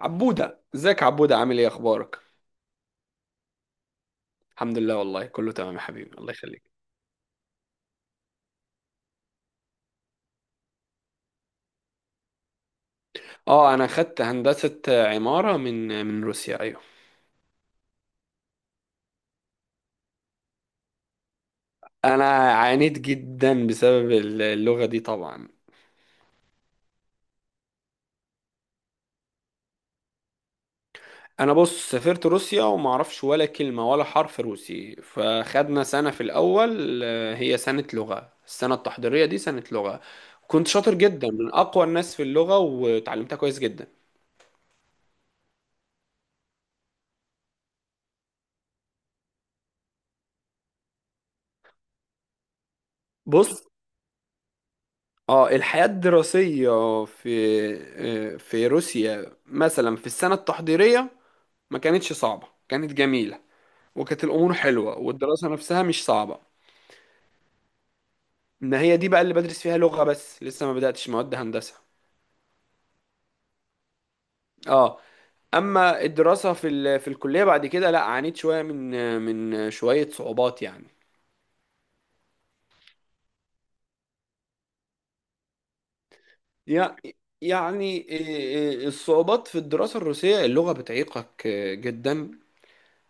عبودة، ازيك يا عبودة؟ عامل ايه؟ اخبارك؟ الحمد لله، والله كله تمام يا حبيبي، الله يخليك. اه، انا خدت هندسة عمارة من روسيا، ايوه. انا عانيت جدا بسبب اللغة دي طبعا. انا بص، سافرت روسيا وما اعرفش ولا كلمة ولا حرف روسي، فخدنا سنة في الاول، هي سنة لغة. السنة التحضيرية دي سنة لغة. كنت شاطر جدا، من اقوى الناس في اللغة، وتعلمتها كويس جدا. بص، اه، الحياة الدراسية في روسيا مثلا في السنة التحضيرية، ما كانتش صعبة، كانت جميلة، وكانت الأمور حلوة والدراسة نفسها مش صعبة. إن هي دي بقى اللي بدرس فيها لغة بس، لسه ما بدأتش مواد هندسة. اه، أما الدراسة في الكلية بعد كده، لا عانيت شوية من شوية صعوبات يعني. يع- يعني إيه، الصعوبات في الدراسة، الروسية اللغة بتعيقك جدا.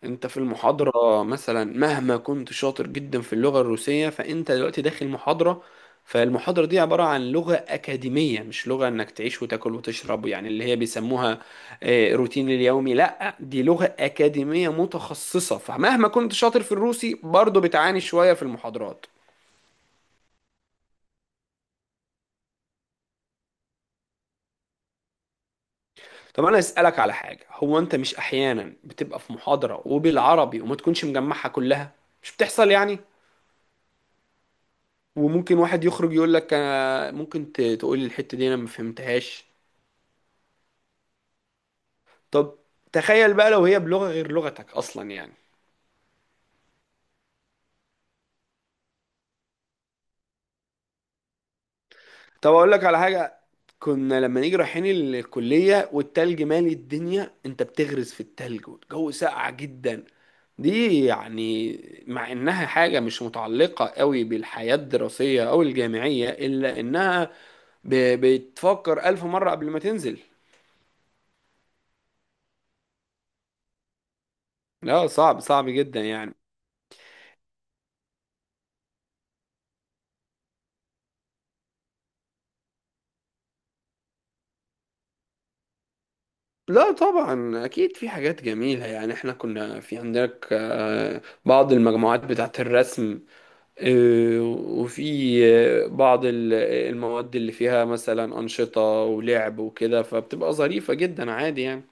انت في المحاضرة مثلا، مهما كنت شاطر جدا في اللغة الروسية، فانت دلوقتي داخل محاضرة. فالمحاضرة دي عبارة عن لغة أكاديمية، مش لغة انك تعيش وتاكل وتشرب، يعني اللي هي بيسموها روتين اليومي. لا، دي لغة أكاديمية متخصصة، فمهما كنت شاطر في الروسي برضه بتعاني شوية في المحاضرات. طب انا اسألك على حاجة. هو انت مش احيانا بتبقى في محاضرة وبالعربي وما تكونش مجمعها كلها؟ مش بتحصل يعني؟ وممكن واحد يخرج يقول لك: أنا ممكن تقول لي الحتة دي، انا ما فهمتهاش؟ طب تخيل بقى لو هي بلغة غير لغتك اصلا يعني. طب اقول لك على حاجة. كنا لما نيجي رايحين الكلية والتلج مالي الدنيا، انت بتغرز في التلج والجو ساقع جدا. دي يعني مع انها حاجة مش متعلقة قوي بالحياة الدراسية او الجامعية، الا انها بتفكر الف مرة قبل ما تنزل. لا، صعب صعب جدا يعني. لا طبعا، اكيد في حاجات جميله يعني. احنا كنا في عندك بعض المجموعات بتاعه الرسم، وفي بعض المواد اللي فيها مثلا انشطه ولعب وكده، فبتبقى ظريفه جدا عادي يعني.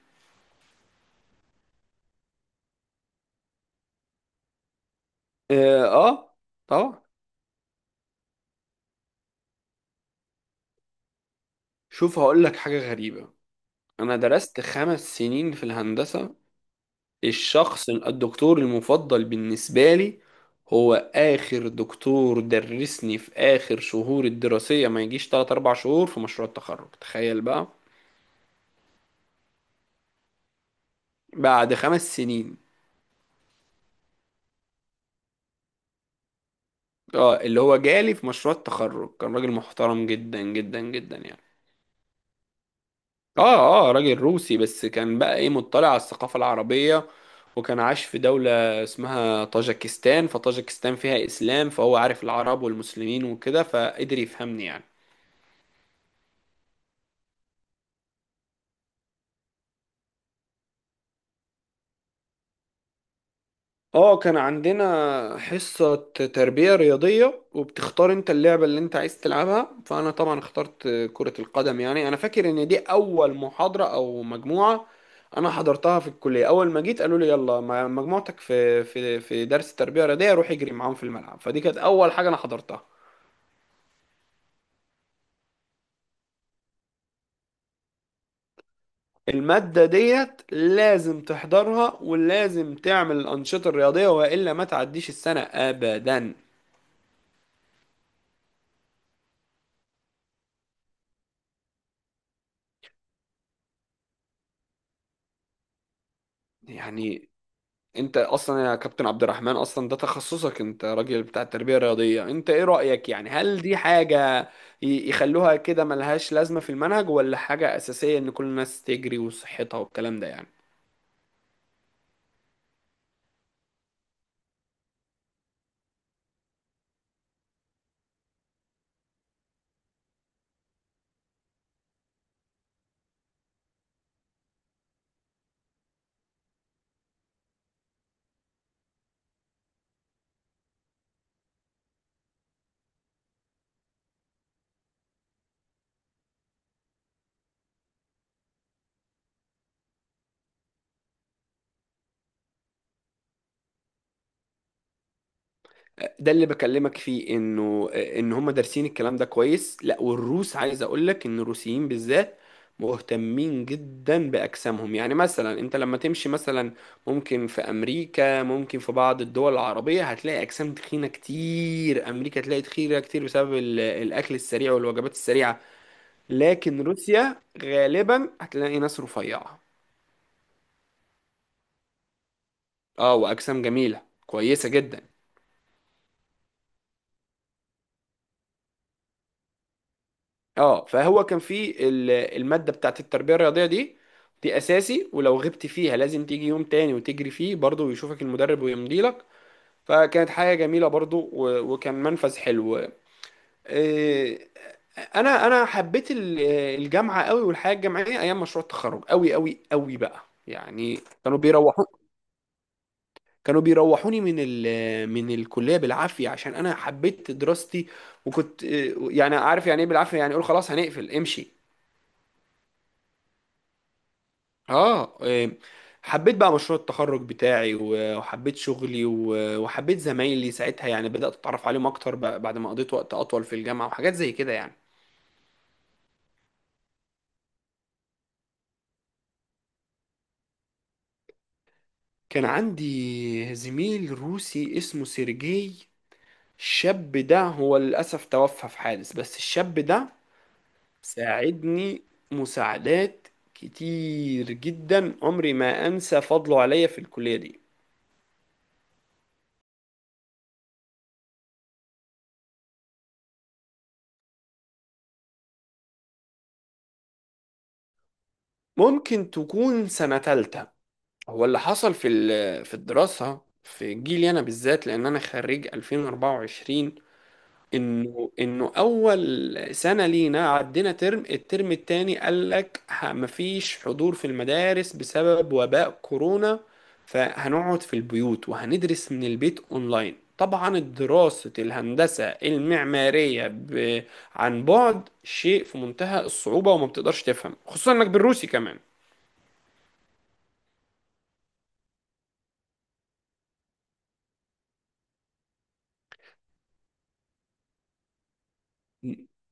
اه، طبعا. شوف، هقول لك حاجه غريبه. انا درست 5 سنين في الهندسه. الشخص الدكتور المفضل بالنسبة لي هو آخر دكتور درسني في آخر شهور الدراسية، ما يجيش 3 4 شهور في مشروع التخرج. تخيل بقى، بعد 5 سنين. اه، اللي هو جالي في مشروع التخرج كان راجل محترم جدا جدا جدا يعني. اه، اه، راجل روسي، بس كان بقى ايه، مطلع على الثقافة العربية، وكان عاش في دولة اسمها طاجكستان. فطاجكستان فيها إسلام، فهو عارف العرب والمسلمين وكده، فقدر يفهمني يعني. اه كان عندنا حصة تربية رياضية، وبتختار انت اللعبة اللي انت عايز تلعبها. فانا طبعا اخترت كرة القدم. يعني انا فاكر ان دي اول محاضرة او مجموعة انا حضرتها في الكلية. اول ما جيت، قالوا لي يلا مجموعتك في درس تربية رياضية، روح اجري معاهم في الملعب. فدي كانت اول حاجة انا حضرتها. المادة ديت لازم تحضرها، ولازم تعمل الأنشطة الرياضية، وإلا ما تعديش السنة أبدا. يعني انت اصلا يا كابتن عبد الرحمن، اصلا ده تخصصك، انت راجل بتاع التربيه الرياضيه. انت ايه رايك يعني؟ هل دي حاجه يخلوها كده ملهاش لازمه في المنهج، ولا حاجه اساسيه ان كل الناس تجري وصحتها والكلام ده يعني؟ ده اللي بكلمك فيه، انه ان هم دارسين الكلام ده كويس. لا، والروس عايز اقول لك ان الروسيين بالذات مهتمين جدا باجسامهم. يعني مثلا انت لما تمشي مثلا، ممكن في امريكا، ممكن في بعض الدول العربية، هتلاقي اجسام تخينة كتير. امريكا تلاقي تخينة كتير بسبب الاكل السريع والوجبات السريعة. لكن روسيا غالبا هتلاقي ناس رفيعة، اه، واجسام جميلة كويسة جدا. اه، فهو كان في المادة بتاعت التربية الرياضية دي. دي اساسي، ولو غبت فيها لازم تيجي يوم تاني وتجري فيه برضه ويشوفك المدرب ويمضي لك. فكانت حاجة جميلة برضه، وكان منفذ حلو. إيه، انا حبيت الجامعة قوي، والحياة الجامعية ايام مشروع التخرج قوي قوي قوي بقى. يعني كانوا بيروحوني من الكلية بالعافية، عشان انا حبيت دراستي. وكنت يعني عارف يعني ايه بالعافية، يعني اقول خلاص هنقفل امشي. اه، حبيت بقى مشروع التخرج بتاعي، وحبيت شغلي، وحبيت زمايلي ساعتها. يعني بدأت اتعرف عليهم اكتر بقى بعد ما قضيت وقت اطول في الجامعة وحاجات زي كده يعني. كان عندي زميل روسي اسمه سيرجي. الشاب ده هو للأسف توفى في حادث. بس الشاب ده ساعدني مساعدات كتير جدا، عمري ما انسى فضله عليا في الكلية دي. ممكن تكون سنة تالتة. هو اللي حصل في الدراسة في جيلي أنا بالذات، لأن أنا خريج 2024، إنه أول سنة لينا عدينا ترم، الترم التاني قال لك مفيش حضور في المدارس بسبب وباء كورونا. فهنقعد في البيوت وهندرس من البيت أونلاين. طبعا دراسة الهندسة المعمارية عن بعد شيء في منتهى الصعوبة، وما بتقدرش تفهم، خصوصا إنك بالروسي كمان.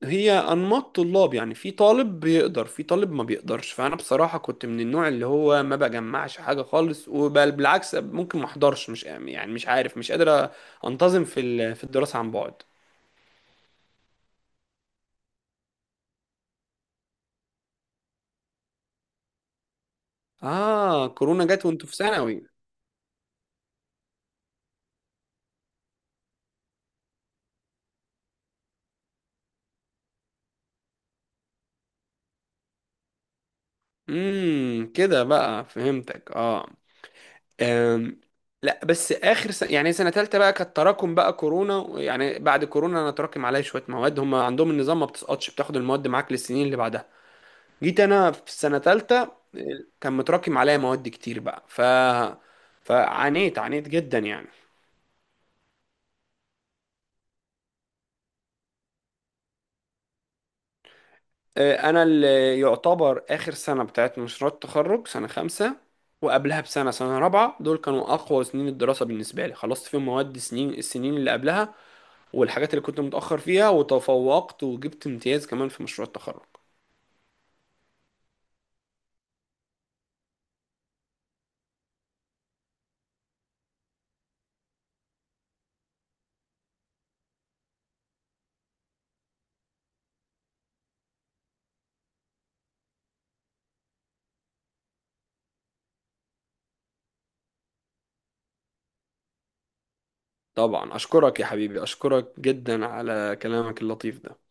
هي انماط طلاب يعني، في طالب بيقدر، في طالب ما بيقدرش. فانا بصراحه كنت من النوع اللي هو ما بجمعش حاجه خالص، بالعكس ممكن ما احضرش، مش يعني مش عارف مش قادر انتظم في الدراسه عن بعد. اه كورونا جت وانتوا في ثانوي. كده بقى فهمتك. اه. أم. لا بس، اخر سنة يعني سنه ثالثه بقى كانت تراكم بقى كورونا. يعني بعد كورونا، انا تراكم عليا شويه مواد. هم عندهم النظام ما بتسقطش، بتاخد المواد معاك للسنين اللي بعدها. جيت انا في السنه ثالثه، كان متراكم عليا مواد كتير بقى. فعانيت عانيت جدا يعني. انا اللي يعتبر اخر سنه بتاعت مشروع التخرج سنه خمسة، وقبلها بسنه، سنه رابعه. دول كانوا اقوى سنين الدراسه بالنسبه لي. خلصت فيهم مواد سنين السنين اللي قبلها والحاجات اللي كنت متاخر فيها، وتفوقت وجبت امتياز كمان في مشروع التخرج. طبعا اشكرك يا حبيبي، اشكرك جدا على كلامك اللطيف ده.